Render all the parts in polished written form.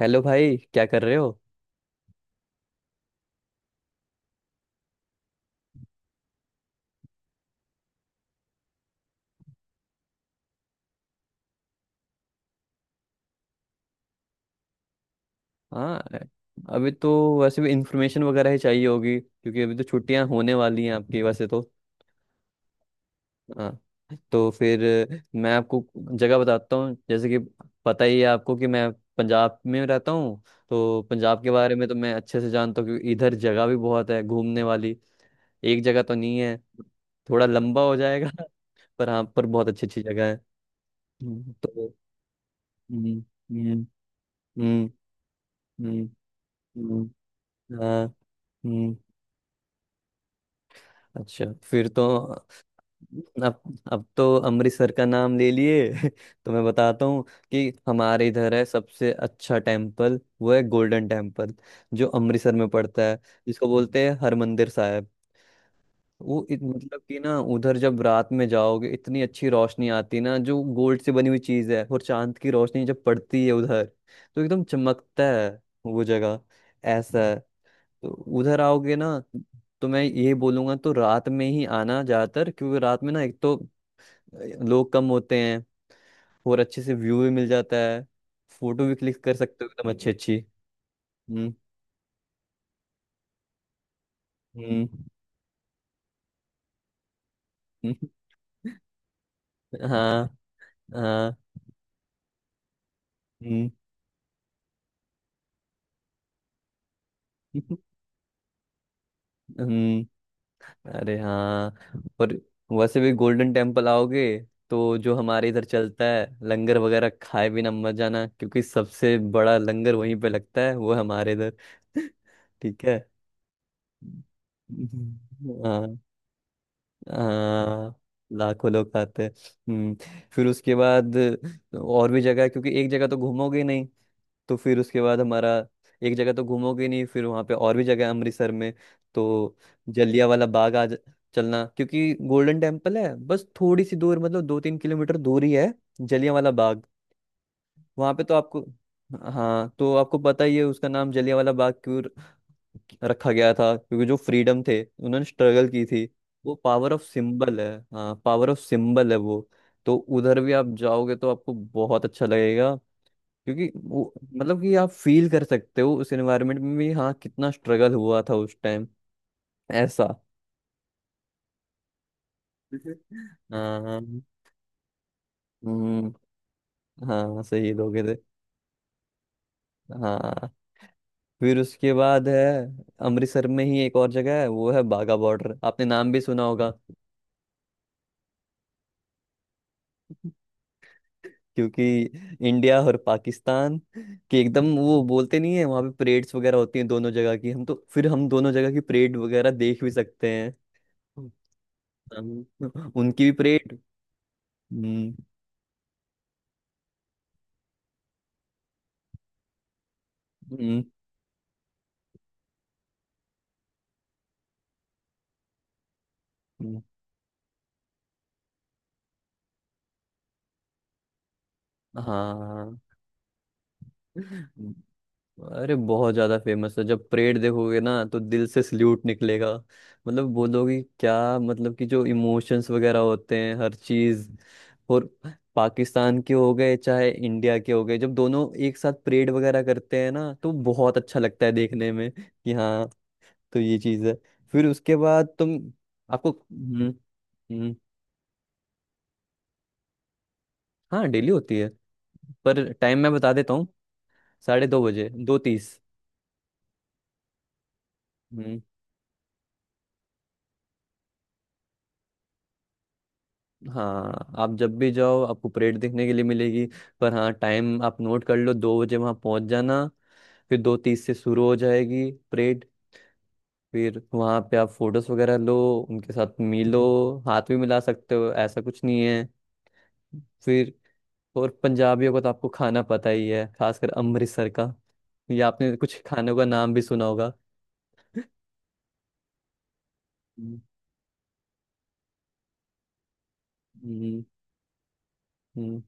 Hello भाई, क्या कर रहे हो? हाँ। अभी तो वैसे भी इंफॉर्मेशन वगैरह ही चाहिए होगी क्योंकि अभी तो छुट्टियां होने वाली हैं आपकी, वैसे तो। हाँ, तो फिर मैं आपको जगह बताता हूँ। जैसे कि पता ही है आपको कि मैं पंजाब में रहता हूँ, तो पंजाब के बारे में तो मैं अच्छे से जानता हूँ क्योंकि इधर जगह भी बहुत है घूमने वाली। एक जगह तो नहीं है, थोड़ा लंबा हो जाएगा। पर हाँ, पर बहुत अच्छी अच्छी जगह है। हम्म। तो हम्म। हम्म। हम्म। हम्म। हम्म। हाँ। हम्म। अच्छा। फिर तो अब अब तो अमृतसर का नाम ले लिए तो मैं बताता हूँ कि हमारे इधर है सबसे अच्छा टेम्पल, वो है गोल्डन टेम्पल, जो अमृतसर में पड़ता है, जिसको बोलते हैं हरमंदिर साहिब। वो मतलब कि ना उधर जब रात में जाओगे इतनी अच्छी रोशनी आती है ना, जो गोल्ड से बनी हुई चीज है, और चांद की रोशनी जब पड़ती है उधर तो एकदम चमकता है वो जगह, ऐसा है। तो उधर आओगे ना, तो मैं ये बोलूंगा, तो रात में ही आना ज्यादातर, क्योंकि रात में ना एक तो लोग कम होते हैं, और अच्छे से व्यू भी मिल जाता है, फोटो भी क्लिक कर सकते हो एकदम अच्छी अच्छी। हम्म। हम्म। हम्म। हाँ। हाँ। हम्म। हम्म। अरे हाँ, और वैसे भी गोल्डन टेम्पल आओगे, तो जो हमारे इधर चलता है लंगर वगैरह, खाए बिना मत जाना, क्योंकि सबसे बड़ा लंगर वहीं पे लगता है वो, हमारे इधर। ठीक है। हाँ, हाँ, लाखों लोग खाते हैं। हम्म। फिर उसके बाद और भी जगह है, क्योंकि एक जगह तो घूमोगे नहीं। तो फिर उसके बाद हमारा, एक जगह तो घूमोगे नहीं, फिर वहाँ पे और भी जगह है अमृतसर में। तो जलिया वाला बाग चलना, क्योंकि गोल्डन टेम्पल है बस थोड़ी सी दूर, मतलब 2-3 किलोमीटर दूर ही है जलिया वाला बाग। वहाँ पे तो आपको, हाँ, तो आपको पता ही है उसका नाम जलिया वाला बाग क्यों रखा गया था, क्योंकि जो फ्रीडम थे उन्होंने स्ट्रगल की थी। वो पावर ऑफ सिंबल है। हाँ, पावर ऑफ सिंबल है वो। तो उधर भी आप जाओगे, तो आपको बहुत अच्छा लगेगा, क्योंकि वो, मतलब कि आप फील कर सकते हो उस एनवायरनमेंट में भी, हाँ, कितना स्ट्रगल हुआ था उस टाइम, ऐसा। हाँ। हम्म। हाँ, शहीद हो गए थे। हाँ, फिर उसके बाद है, अमृतसर में ही एक और जगह है, वो है बाघा बॉर्डर, आपने नाम भी सुना होगा। क्योंकि इंडिया और पाकिस्तान के एकदम वो बोलते नहीं है, वहाँ पे परेड्स वगैरह होती हैं दोनों जगह की, हम तो फिर हम दोनों जगह की परेड वगैरह देख भी सकते हैं। उनकी भी परेड। हम्म। हम्म। हम्म। हाँ, हाँ। हम्म। अरे बहुत ज्यादा फेमस है, जब परेड देखोगे ना तो दिल से सल्यूट निकलेगा। मतलब बोलोगे क्या, मतलब कि जो इमोशंस वगैरह होते हैं हर चीज। और पाकिस्तान के हो गए चाहे इंडिया के हो गए, जब दोनों एक साथ परेड वगैरह करते हैं ना तो बहुत अच्छा लगता है देखने में, कि हाँ। तो ये चीज है। फिर उसके बाद तुम, आपको। हम्म। हम्म। हाँ, डेली होती है। पर टाइम मैं बता देता हूँ, 2:30 बजे, 2:30। हम्म। हाँ, आप जब भी जाओ आपको परेड देखने के लिए मिलेगी। पर हाँ, टाइम आप नोट कर लो, 2 बजे वहाँ पहुँच जाना। फिर 2:30 से शुरू हो जाएगी परेड। फिर वहाँ पे आप फोटोज वगैरह लो, उनके साथ मिलो, हाथ भी मिला सकते हो, ऐसा कुछ नहीं है। फिर, और पंजाबियों का तो आपको खाना पता ही है, खासकर अमृतसर का। ये आपने कुछ खानों का नाम भी सुना होगा। हम्म। हम्म। हम्म।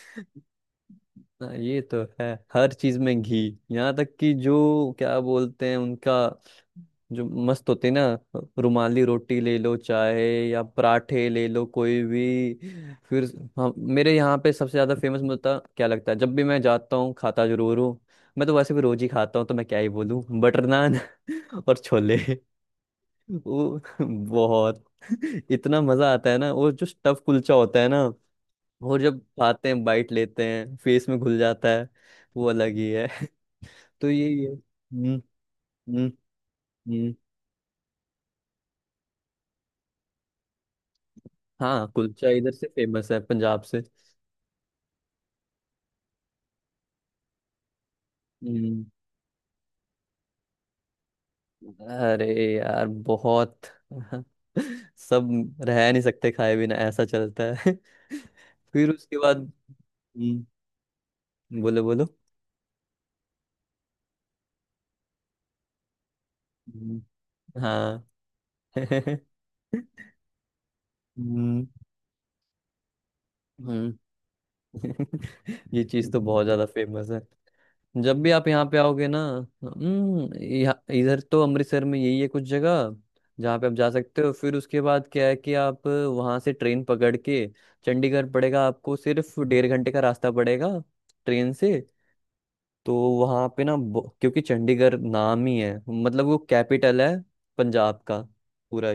हाँ, ये तो है। हर चीज में घी। यहाँ तक कि जो क्या बोलते हैं उनका, जो मस्त होते हैं ना, रुमाली रोटी ले लो चाहे या पराठे ले लो कोई भी। फिर हम, मेरे यहाँ पे सबसे ज्यादा फेमस मुझे क्या लगता है, जब भी मैं जाता हूँ खाता जरूर हूँ। मैं तो वैसे भी रोज ही खाता हूँ, तो मैं क्या ही बोलूँ, बटर नान। और छोले, वो बहुत इतना मजा आता है ना, वो जो स्टफ कुलचा होता है ना, और जब खाते हैं बाइट लेते हैं फेस में घुल जाता है, वो अलग ही है। तो यही है। हम्म। हम्म। हम्म। हाँ, कुलचा इधर से फेमस है, पंजाब से। हम्म। अरे यार बहुत। सब रह नहीं सकते खाए बिना, ऐसा चलता है। फिर उसके बाद। हम्म। बोलो बोलो। हम्म। हाँ। हम्म। हम्म। ये चीज तो बहुत ज्यादा फेमस है, जब भी आप यहाँ पे आओगे ना। हम्म। यहाँ इधर तो अमृतसर में यही है कुछ जगह जहाँ पे आप जा सकते हो। फिर उसके बाद क्या है कि आप वहाँ से ट्रेन पकड़ के चंडीगढ़ पड़ेगा आपको, सिर्फ 1.5 घंटे का रास्ता पड़ेगा ट्रेन से। तो वहाँ पे ना क्योंकि चंडीगढ़ नाम ही है, मतलब वो कैपिटल है पंजाब का पूरा।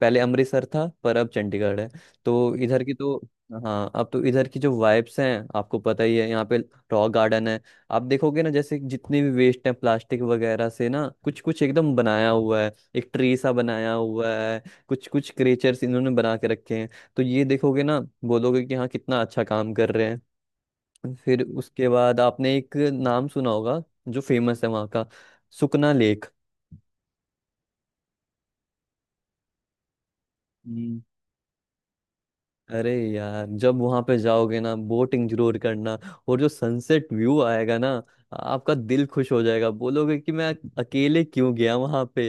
पहले अमृतसर था पर अब चंडीगढ़ है। तो इधर की तो, हाँ, अब तो इधर की जो वाइब्स हैं, आपको पता ही है। यहाँ पे रॉक गार्डन है। आप देखोगे ना, जैसे जितने भी वेस्ट है प्लास्टिक वगैरह से ना, कुछ कुछ एकदम बनाया हुआ है, एक ट्री सा बनाया हुआ है, कुछ कुछ क्रिएचर्स इन्होंने बना के रखे हैं। तो ये देखोगे ना, बोलोगे कि हाँ, कितना अच्छा काम कर रहे हैं। फिर उसके बाद आपने एक नाम सुना होगा, जो फेमस है वहाँ का, सुकना लेक। अरे यार जब वहां पे जाओगे ना, बोटिंग जरूर करना, और जो सनसेट व्यू आएगा ना, आपका दिल खुश हो जाएगा, बोलोगे कि मैं अकेले क्यों गया वहां पे,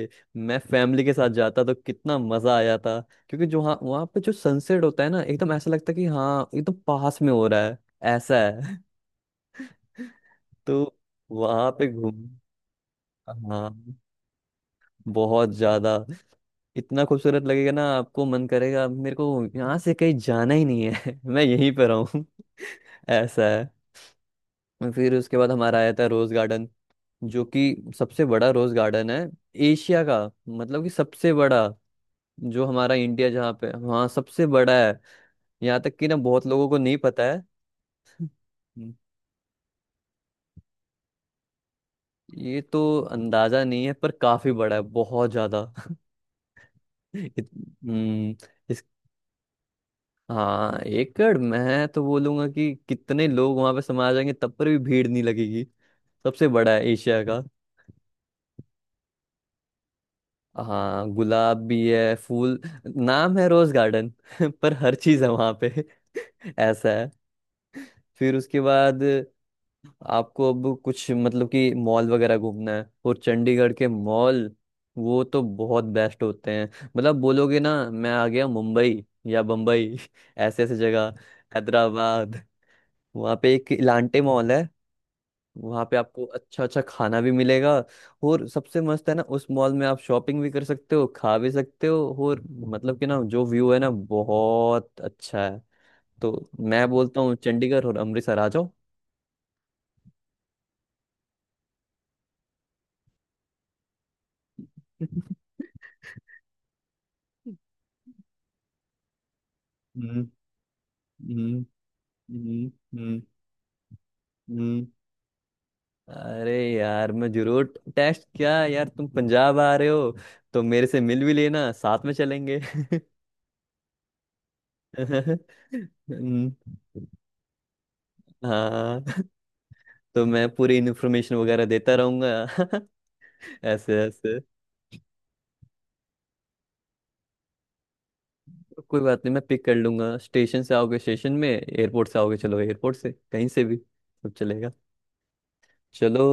मैं फैमिली के साथ जाता तो कितना मजा आया था। क्योंकि जो वहाँ वहाँ पे जो सनसेट होता है ना, एकदम ऐसा लगता है कि हाँ, एकदम पास में हो रहा है, ऐसा है। तो वहां पे घूम हाँ, बहुत ज्यादा, इतना खूबसूरत लगेगा ना, आपको मन करेगा मेरे को यहाँ से कहीं जाना ही नहीं है। मैं यहीं पर रहूं, ऐसा है। और फिर उसके बाद हमारा आया था रोज गार्डन, जो कि सबसे बड़ा रोज गार्डन है एशिया का, मतलब कि सबसे बड़ा, जो हमारा इंडिया जहाँ पे वहाँ सबसे बड़ा है। यहाँ तक कि ना बहुत लोगों को नहीं पता है। हम्म। ये तो अंदाजा नहीं है, पर काफी बड़ा है, बहुत ज्यादा। इत, हम्म, इस हाँ, एकड़ मैं तो बोलूंगा कि कितने लोग वहां पे समा जाएंगे तब पर भी भीड़ नहीं लगेगी, सबसे बड़ा है एशिया। हाँ, गुलाब भी है, फूल, नाम है रोज गार्डन। पर हर चीज है वहां पे। ऐसा है। फिर उसके बाद आपको अब कुछ, मतलब कि मॉल वगैरह घूमना है, और चंडीगढ़ के मॉल, वो तो बहुत बेस्ट होते हैं, मतलब बोलोगे ना मैं आ गया मुंबई या बम्बई। ऐसे ऐसे जगह, हैदराबाद। वहाँ पे एक इलांटे मॉल है, वहाँ पे आपको अच्छा अच्छा खाना भी मिलेगा। और सबसे मस्त है ना, उस मॉल में आप शॉपिंग भी कर सकते हो, खा भी सकते हो, और मतलब कि ना, जो व्यू है ना बहुत अच्छा है। तो मैं बोलता हूँ, चंडीगढ़ और अमृतसर आ जाओ। हम्म। हम्म। हम्म। हम्म। हम्म। अरे यार, मैं जरूर टेस्ट, क्या यार तुम पंजाब आ रहे हो, तो मेरे से मिल भी लेना, साथ में चलेंगे। हम्म, हाँ। तो मैं पूरी इन्फॉर्मेशन वगैरह देता रहूंगा। ऐसे ऐसे। कोई बात नहीं, मैं पिक कर लूंगा, स्टेशन से आओगे स्टेशन में, एयरपोर्ट से आओगे, चलो एयरपोर्ट से, कहीं से भी सब चलेगा। चलो,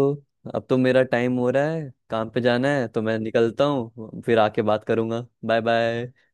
अब तो मेरा टाइम हो रहा है, काम पे जाना है तो मैं निकलता हूँ, फिर आके बात करूंगा, बाय बाय।